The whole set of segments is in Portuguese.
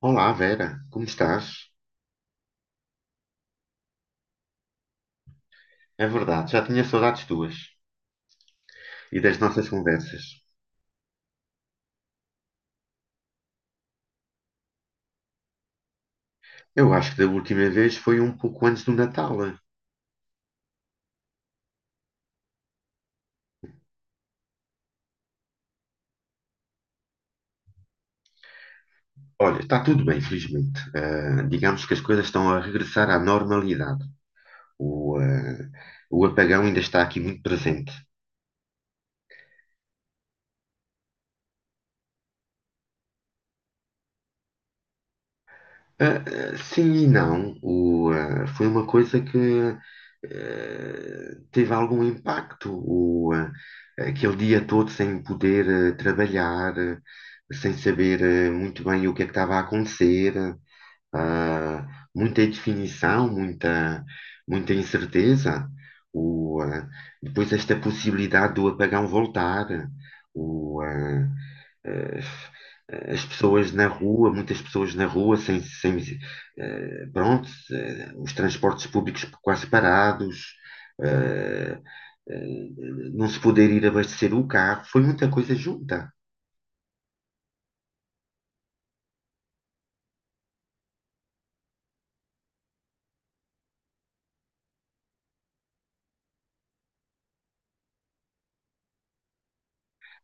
Olá, Vera, como estás? É verdade, já tinha saudades tuas e das nossas conversas. Eu acho que da última vez foi um pouco antes do Natal. Olha, está tudo bem, felizmente. Digamos que as coisas estão a regressar à normalidade. O, ah, o apagão ainda está aqui muito presente. Ah, sim e não. Foi uma coisa que teve algum impacto aquele dia todo sem poder trabalhar, sem saber muito bem o que é que estava a acontecer, ah, muita indefinição, muita incerteza. O, ah, Depois esta possibilidade do apagão voltar, o, ah, eh, as pessoas na rua, muitas pessoas na rua, sem, pronto, os transportes públicos quase parados, eh, eh, não se poder ir abastecer o carro, foi muita coisa junta.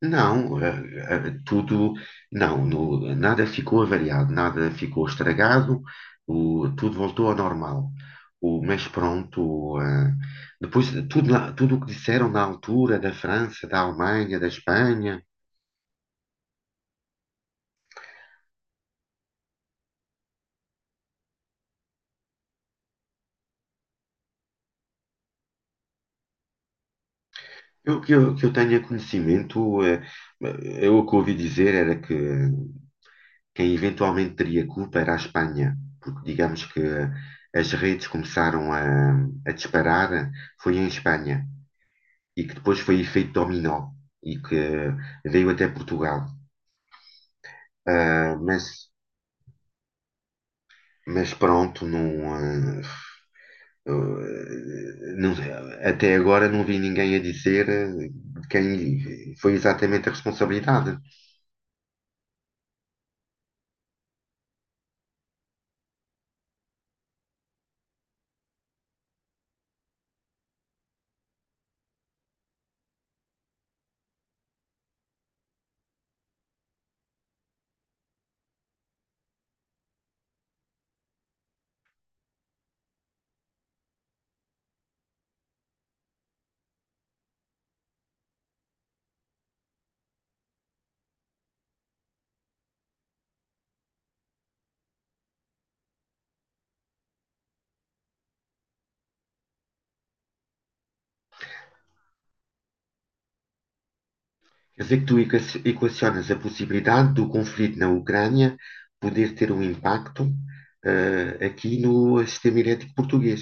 Não, eh, tudo, não, nada ficou avariado, nada ficou estragado, tudo voltou ao normal. Mas pronto, depois tudo o que disseram na altura da França, da Alemanha, da Espanha. Eu que eu tenha conhecimento, eu o que ouvi dizer era que quem eventualmente teria culpa era a Espanha, porque digamos que as redes começaram a disparar, foi em Espanha, e que depois foi efeito dominó, e que veio até Portugal. Ah, mas, mas pronto, não. Eh, não- Até agora não vi ninguém a dizer de quem foi exatamente a responsabilidade. Quer dizer que tu equacionas a possibilidade do conflito na Ucrânia poder ter um impacto aqui no sistema elétrico português.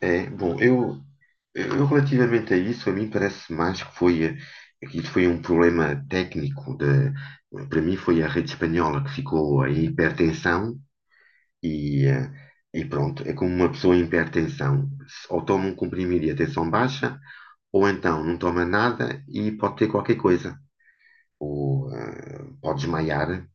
É, bom, eu relativamente a isso, a mim parece mais que foi, que isso foi um problema técnico. Para mim foi a rede espanhola que ficou em hipertensão e, eh, e pronto, é como uma pessoa em hipertensão. Ou toma um comprimido e a tensão baixa, ou então não toma nada e pode ter qualquer coisa. Ou pode desmaiar.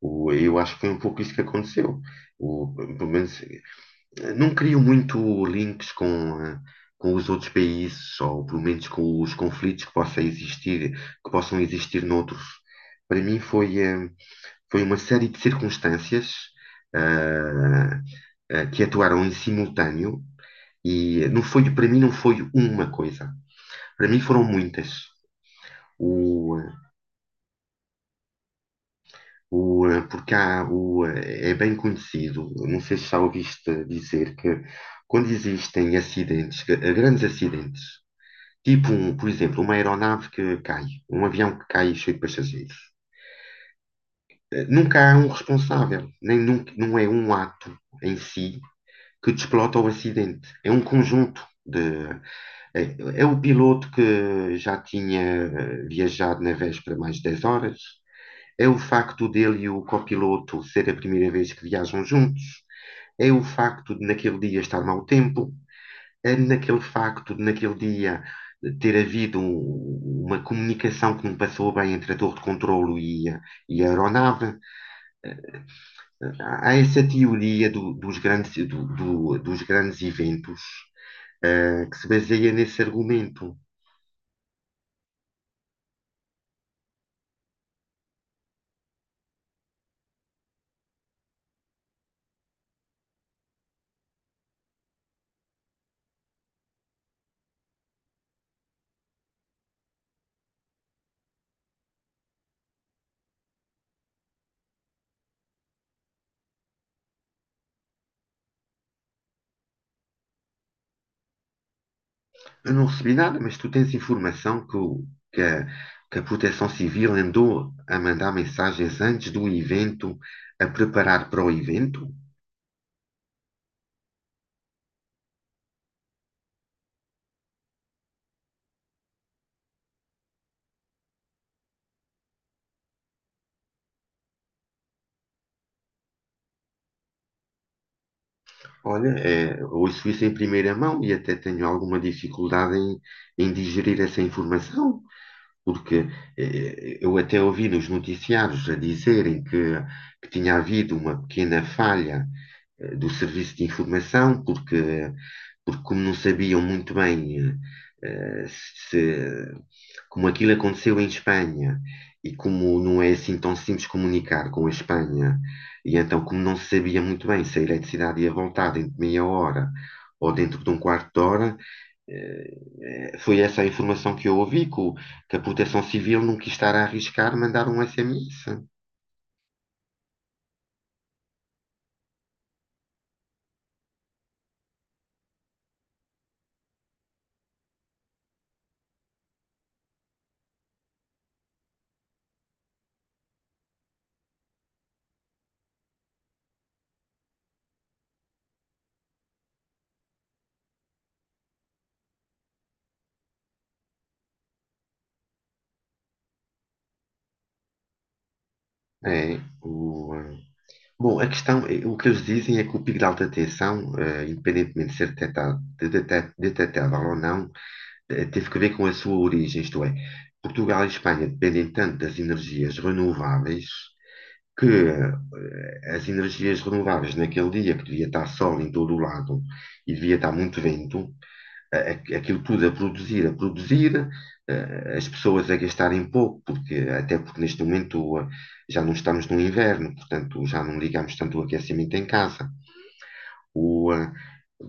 Eu acho que foi um pouco isso que aconteceu. Pelo menos, não crio muito links ah, com os outros países, ou pelo menos com os conflitos que possa existir, que possam existir noutros. Para mim foi uma série de circunstâncias ah, que atuaram em simultâneo e para mim não foi uma coisa. Para mim foram muitas. Porque é bem conhecido, não sei se já ouviste dizer que quando existem acidentes, grandes acidentes, tipo, por exemplo, uma aeronave que cai, um avião que cai cheio de passageiros, nunca há um responsável, nem nunca, não é um ato em si que desplota o acidente, é um conjunto. É o piloto que já tinha viajado na véspera mais de 10 horas, é o facto dele e o copiloto ser a primeira vez que viajam juntos. É o facto de naquele dia estar mau tempo. É naquele facto de naquele dia ter havido uma comunicação que não passou bem entre a torre de controlo e e a aeronave. Há essa teoria dos grandes eventos, que se baseia nesse argumento. Eu não recebi nada, mas tu tens informação que a, que a Proteção Civil andou a mandar mensagens antes do evento, a preparar para o evento? Olha, é, ouço isso em primeira mão e até tenho alguma dificuldade em digerir essa informação, porque eu até ouvi nos noticiários a dizerem que tinha havido uma pequena falha do serviço de informação, porque como não sabiam muito bem eh, se, como aquilo aconteceu em Espanha e como não é assim tão simples comunicar com a Espanha, e então como não se sabia muito bem se a eletricidade ia voltar dentro de meia hora ou dentro de um quarto de hora, foi essa a informação que eu ouvi, que a Proteção Civil não quis estar a arriscar mandar um SMS. É, o, eh, Bom, a questão, o que eles dizem é que o pico de alta tensão, independentemente de ser detectado, detectável ou não, teve que ver com a sua origem, isto é, Portugal e Espanha dependem tanto das energias renováveis que as energias renováveis naquele dia que devia estar sol em todo o lado e devia estar muito vento, aquilo tudo a produzir, as pessoas a gastarem pouco, porque até porque neste momento já não estamos no inverno, portanto já não ligamos tanto o aquecimento em casa. O, eh,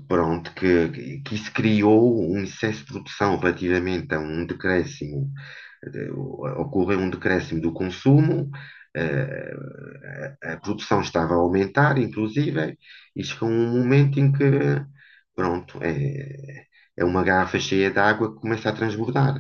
Pronto, que isso criou um excesso de produção relativamente a um decréscimo, eh, ocorreu um decréscimo do consumo, eh, a produção estava a aumentar, inclusive, e chegou um momento em que, pronto, é uma garrafa cheia de água que começa a transbordar.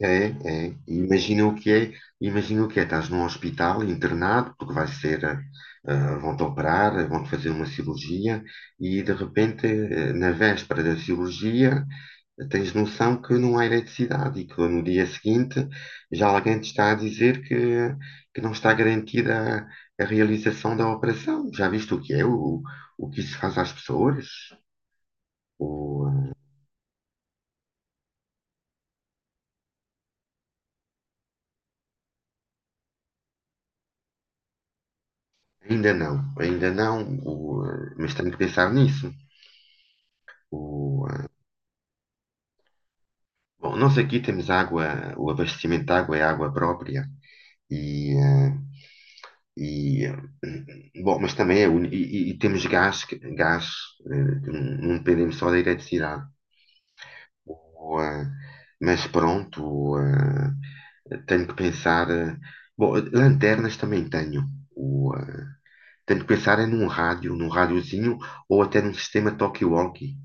É, É. Imagina o que é, imagina o que é, estás num hospital internado, porque vão-te operar, vão-te fazer uma cirurgia e de repente, na véspera da cirurgia, tens noção que não há eletricidade e que no dia seguinte já alguém te está a dizer que não está garantida a realização da operação. Já viste o que é, o que isso faz às pessoas? O- Ainda não, ainda não, mas tenho que pensar nisso. O, Bom, nós aqui temos água, o abastecimento de água é água própria e, eh, bom, mas também e temos gás, gás, que não dependemos só da eletricidade. O, eh, mas pronto, tenho que pensar. Bom, lanternas também tenho. O, eh, Tenho que pensar é num rádio, num rádiozinho ou até num sistema talkie-walkie.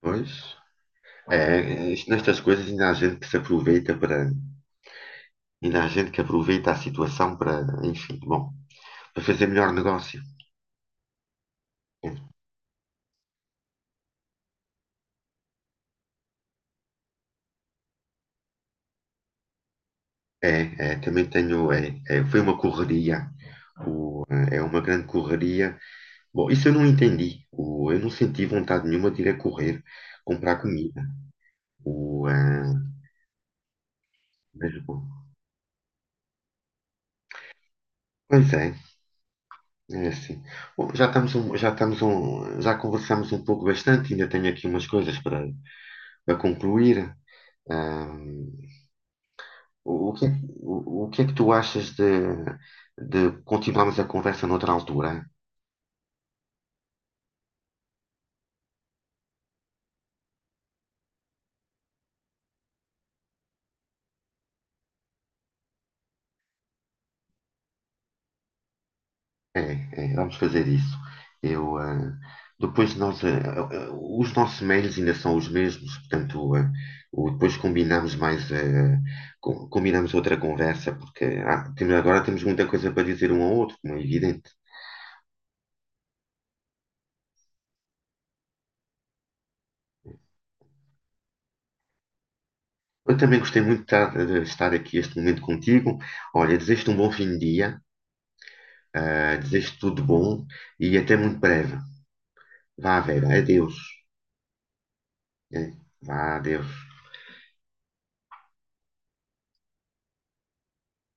Pois, é, é, nestas coisas ainda há gente que se aproveita para. E na gente que aproveita a situação para, enfim, bom, para fazer melhor negócio. É também tenho, é, foi uma correria, o- é uma grande correria. Bom, isso eu não entendi. Eu não senti vontade nenhuma de ir a correr comprar comida. O, ah, mas, bom, pois é, é assim. Bom, já conversamos um pouco bastante, ainda tenho aqui umas coisas para concluir. Ah, o que é que tu achas de continuarmos a conversa noutra altura? É, vamos fazer isso. Eu, ah, depois nós, ah, ah, ah, Os nossos mails ainda são os mesmos, portanto, depois combinamos mais, combinamos outra conversa, porque agora temos muita coisa para dizer um ao outro, como é evidente. Eu também gostei muito de estar aqui este momento contigo. Olha, desejo-te um bom fim de dia, desejo-te tudo de bom e até muito breve. Vá, velho, adeus. Né? Vá, adeus.